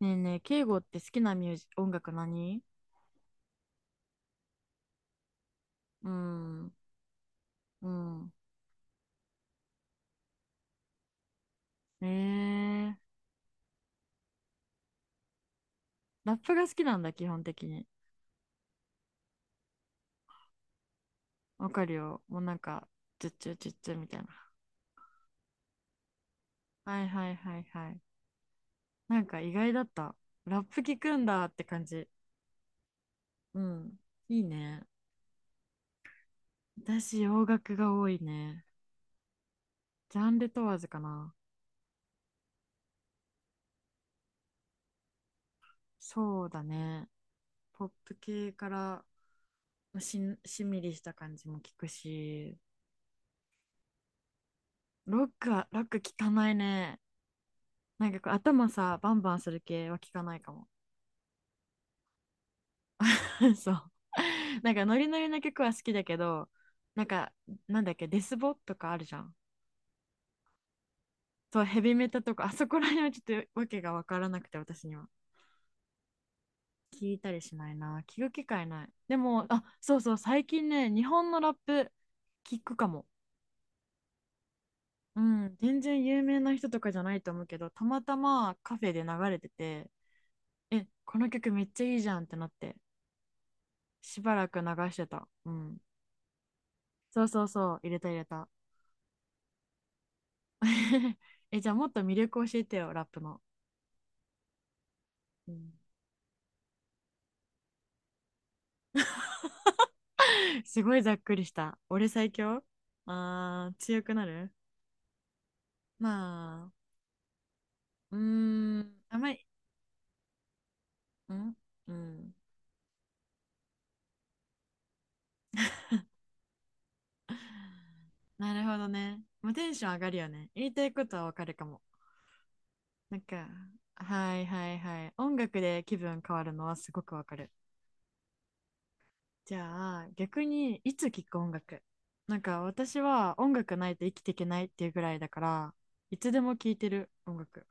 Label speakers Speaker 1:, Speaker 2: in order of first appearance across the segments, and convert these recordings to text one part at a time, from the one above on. Speaker 1: ねえねえ、敬語って好きなミュージ、音楽何？うん、うん。えー、ラップが好きなんだ、基本的に。わかるよ。もうなんか、チュッチュチュッチュみたいな。はいはいはいはい。なんか意外だった。ラップ聞くんだって感じ。うん。いいね。私、洋楽が多いね。ジャンル問わずかな。そうだね。ポップ系からまあしんみりした感じも聞くし、ロック聞かないね。なんかこう頭さバンバンする系は聞かないかも。 そう。なんかノリノリの曲は好きだけど。なんか、なんだっけ、デスボとかあるじゃん。そう、ヘビメタとかあそこら辺はちょっとわけが分からなくて、私には。聞いたりしないな、聞く機会ない。でも、あ、そうそう、最近ね、日本のラップ聞くかも。うん、全然有名な人とかじゃないと思うけど、たまたまカフェで流れてて、えこの曲めっちゃいいじゃんってなって、しばらく流してた。うん。そうそうそう、入れた入れた。え、じゃあもっと魅力教えてよ、ラップの。うん。すごいざっくりした。俺最強。強くなる。まあ、あんまり、うんうん。なるほどね。まあ、テンション上がるよね。言いたいことはわかるかも。なんか、はいはいはい。音楽で気分変わるのはすごくわかる。じゃあ逆にいつ聴く音楽？なんか私は音楽ないと生きていけないっていうぐらいだから、いつでも聴いてる音楽。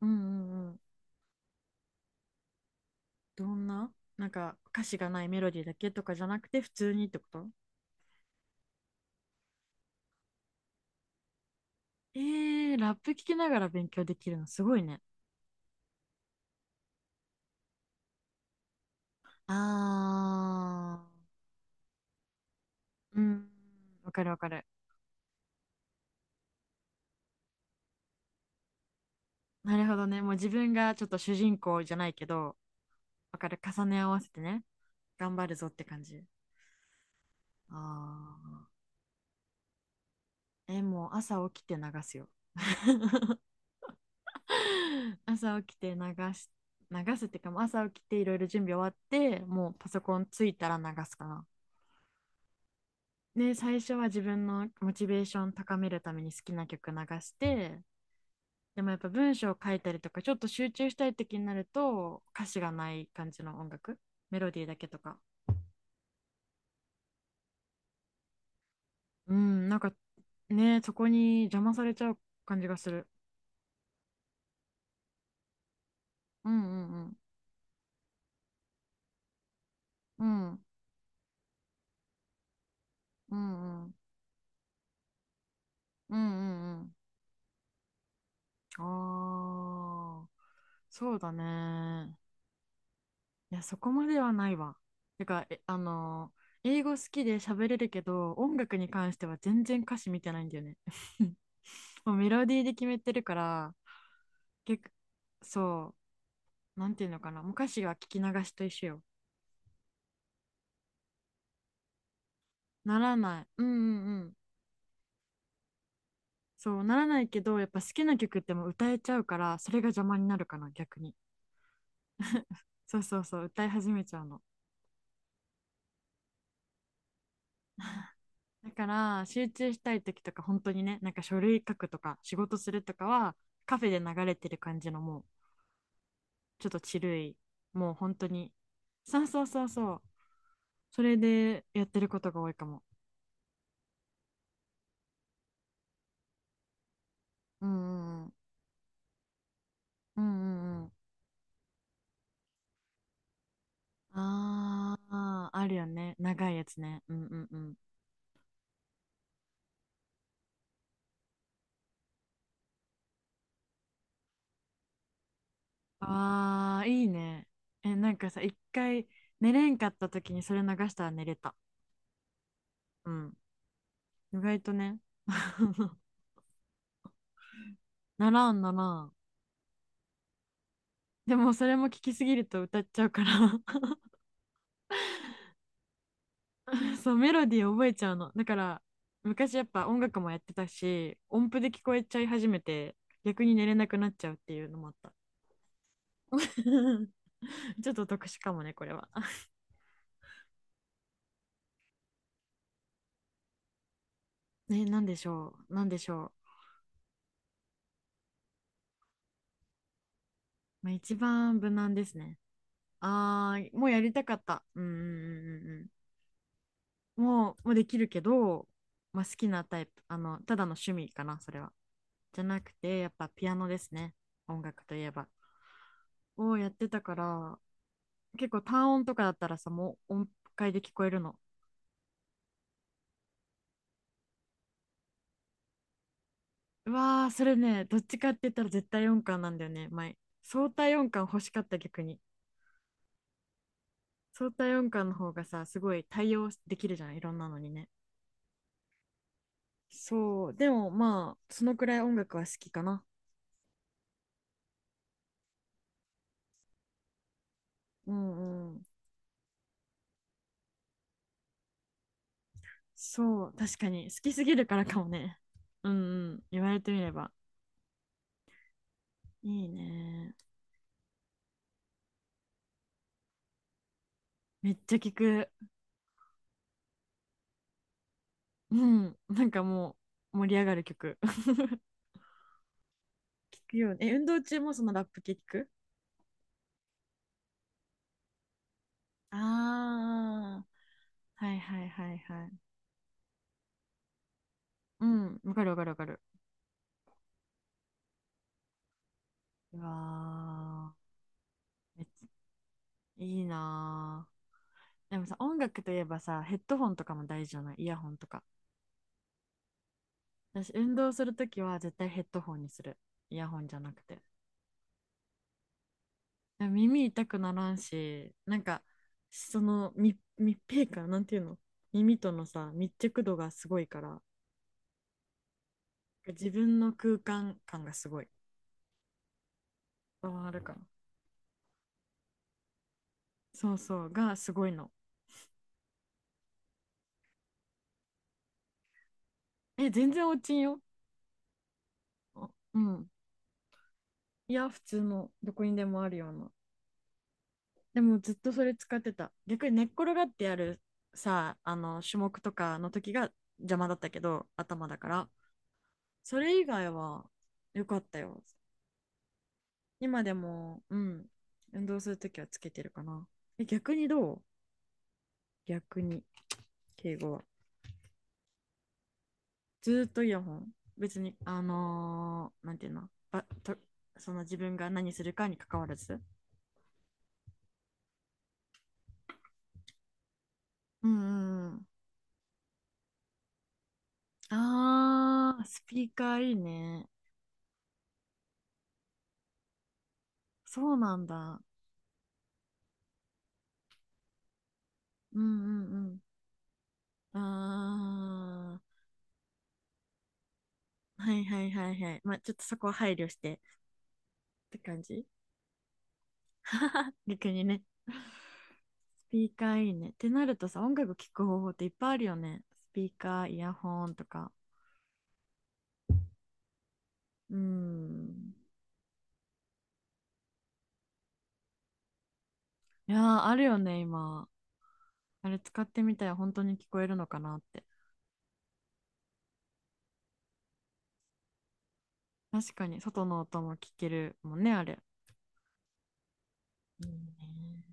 Speaker 1: うんうんうん。どんな、なんか歌詞がないメロディーだけとかじゃなくて普通にってこと？えー、ラップ聴きながら勉強できるのすごいね。あ、ーうん、わかるわかる。なるほどね、もう自分がちょっと主人公じゃないけど、わかる、重ね合わせてね、頑張るぞって感じ。ああ。え、もう朝起きて流すよ。朝起きてし、流すってか、もう朝起きていろいろ準備終わって、もうパソコンついたら流すかな。で、最初は自分のモチベーション高めるために好きな曲流して、でもやっぱ文章を書いたりとか、ちょっと集中したい時になると、歌詞がない感じの音楽、メロディーだけとか。うん、なんかね、そこに邪魔されちゃう感じがする。うんうんうん。うんうんうん。うんうんうん。ああ。そうだね。いや、そこまではないわ。てか、え、あのー英語好きで喋れるけど、音楽に関しては全然歌詞見てないんだよね。もうメロディーで決めてるから、結構、そう、なんていうのかな。もう歌詞が聞き流しと一緒よ。ならない。うんうんうん。そう、ならないけど、やっぱ好きな曲ってもう歌えちゃうから、それが邪魔になるかな、逆に。そうそうそう、歌い始めちゃうの。だから集中したい時とか本当にね、なんか書類書くとか仕事するとかは、カフェで流れてる感じの、もうちょっとチルい、もう本当に、そうそうそうそう、それでやってることが多いかも。うんうんうんうんうん。ああー、あるよね、長いやつね。うんうんうん。ああー、いいね。え、なんかさ、一回寝れんかった時にそれ流したら寝れた。うん、意外とね。 ならんならん。でもそれも聞きすぎると歌っちゃうから。 そう、メロディー覚えちゃうのだから、昔やっぱ音楽もやってたし、音符で聞こえちゃい始めて、逆に寝れなくなっちゃうっていうのもあった。 ちょっと特殊かもねこれは。ね、なんでしょう、なんでしょう、まあ、一番無難ですね。あー、もうやりたかった。うんうんうんうんうん。もうできるけど、まあ、好きなタイプ、あのただの趣味かなそれは。じゃなくて、やっぱピアノですね。音楽といえば、をやってたから、結構単音とかだったらさ、もう音階で聞こえるの。うわー、それね、どっちかって言ったら絶対音感なんだよね、前。相対音感欲しかった、逆に。相対音感の方がさ、すごい対応できるじゃん、いろんなのにね。そう、でもまあそのくらい音楽は好きかな。うんうん。そう、確かに好きすぎるからかもね。 うん、うん、言われてみれば。いいね、めっちゃ聞く。うん、なんかもう盛り上がる曲聞くよね。え、運動中もそのラップ系聞く？ああー、はいはいはいはい。うん、わかるわかるわかる。うわー、めっちゃいいなー。でもさ、音楽といえばさ、ヘッドホンとかも大事じゃない？イヤホンとか。私、運動するときは絶対ヘッドホンにする。イヤホンじゃなくて。でも耳痛くならんし、なんか、その密閉感、なんていうの、耳とのさ、密着度がすごいから、自分の空間感がすごい。伝わるかな。そうそう、がすごいの。え全然落ちんよ。あ、うん。いや、普通のどこにでもあるような。でもずっとそれ使ってた。逆に寝っ転がってやるさ、あの種目とかの時が邪魔だったけど、頭だから。それ以外は良かったよ、今でも。うん、運動する時はつけてるかな。え、逆にどう？逆に、敬語は？ずーっとイヤホン？別に、なんていうの、ばと、その自分が何するかに関わらず。うんうんうん。ああ、スピーカーいいね。そうなんだ。うんうんうん。ああ、はいはいはいはい。まあ、ちょっとそこは配慮してって感じ。逆にね。スピーカーいいね。ってなるとさ、音楽聴く方法っていっぱいあるよね。スピーカー、イヤホンとか。うん。いやー、あるよね、今。あれ使ってみたら本当に聞こえるのかなって。確かに、外の音も聞けるもんね、あれ。いいね。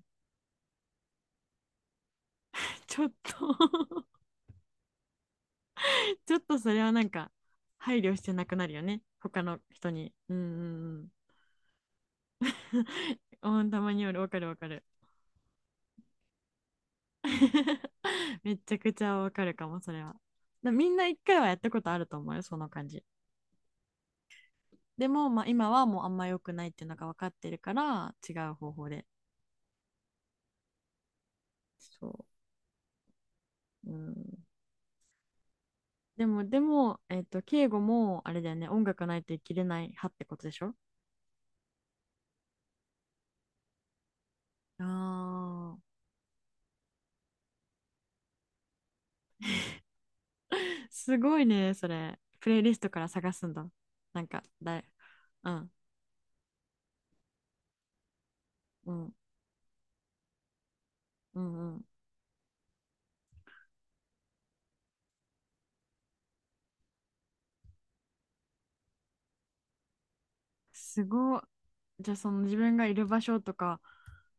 Speaker 1: ちょっと、それはなんか配慮してなくなるよね、他の人に。うんうんうんうん。 たまによる、わかるわかる。 めちゃくちゃわかるかもそれは。だ、みんな一回はやったことあると思うよ、その感じ。でも、まあ、今はもうあんま良くないっていうのが分かってるから、違う方法で。そう、うん。でも敬語もあれだよね、音楽ないと生きれない派ってことでしょ。あー、すごいね、それプレイリストから探すんだ。なんかだい、うんうんうんうん。すごっ。じゃあその自分がいる場所とか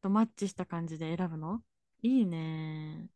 Speaker 1: とマッチした感じで選ぶの？いいね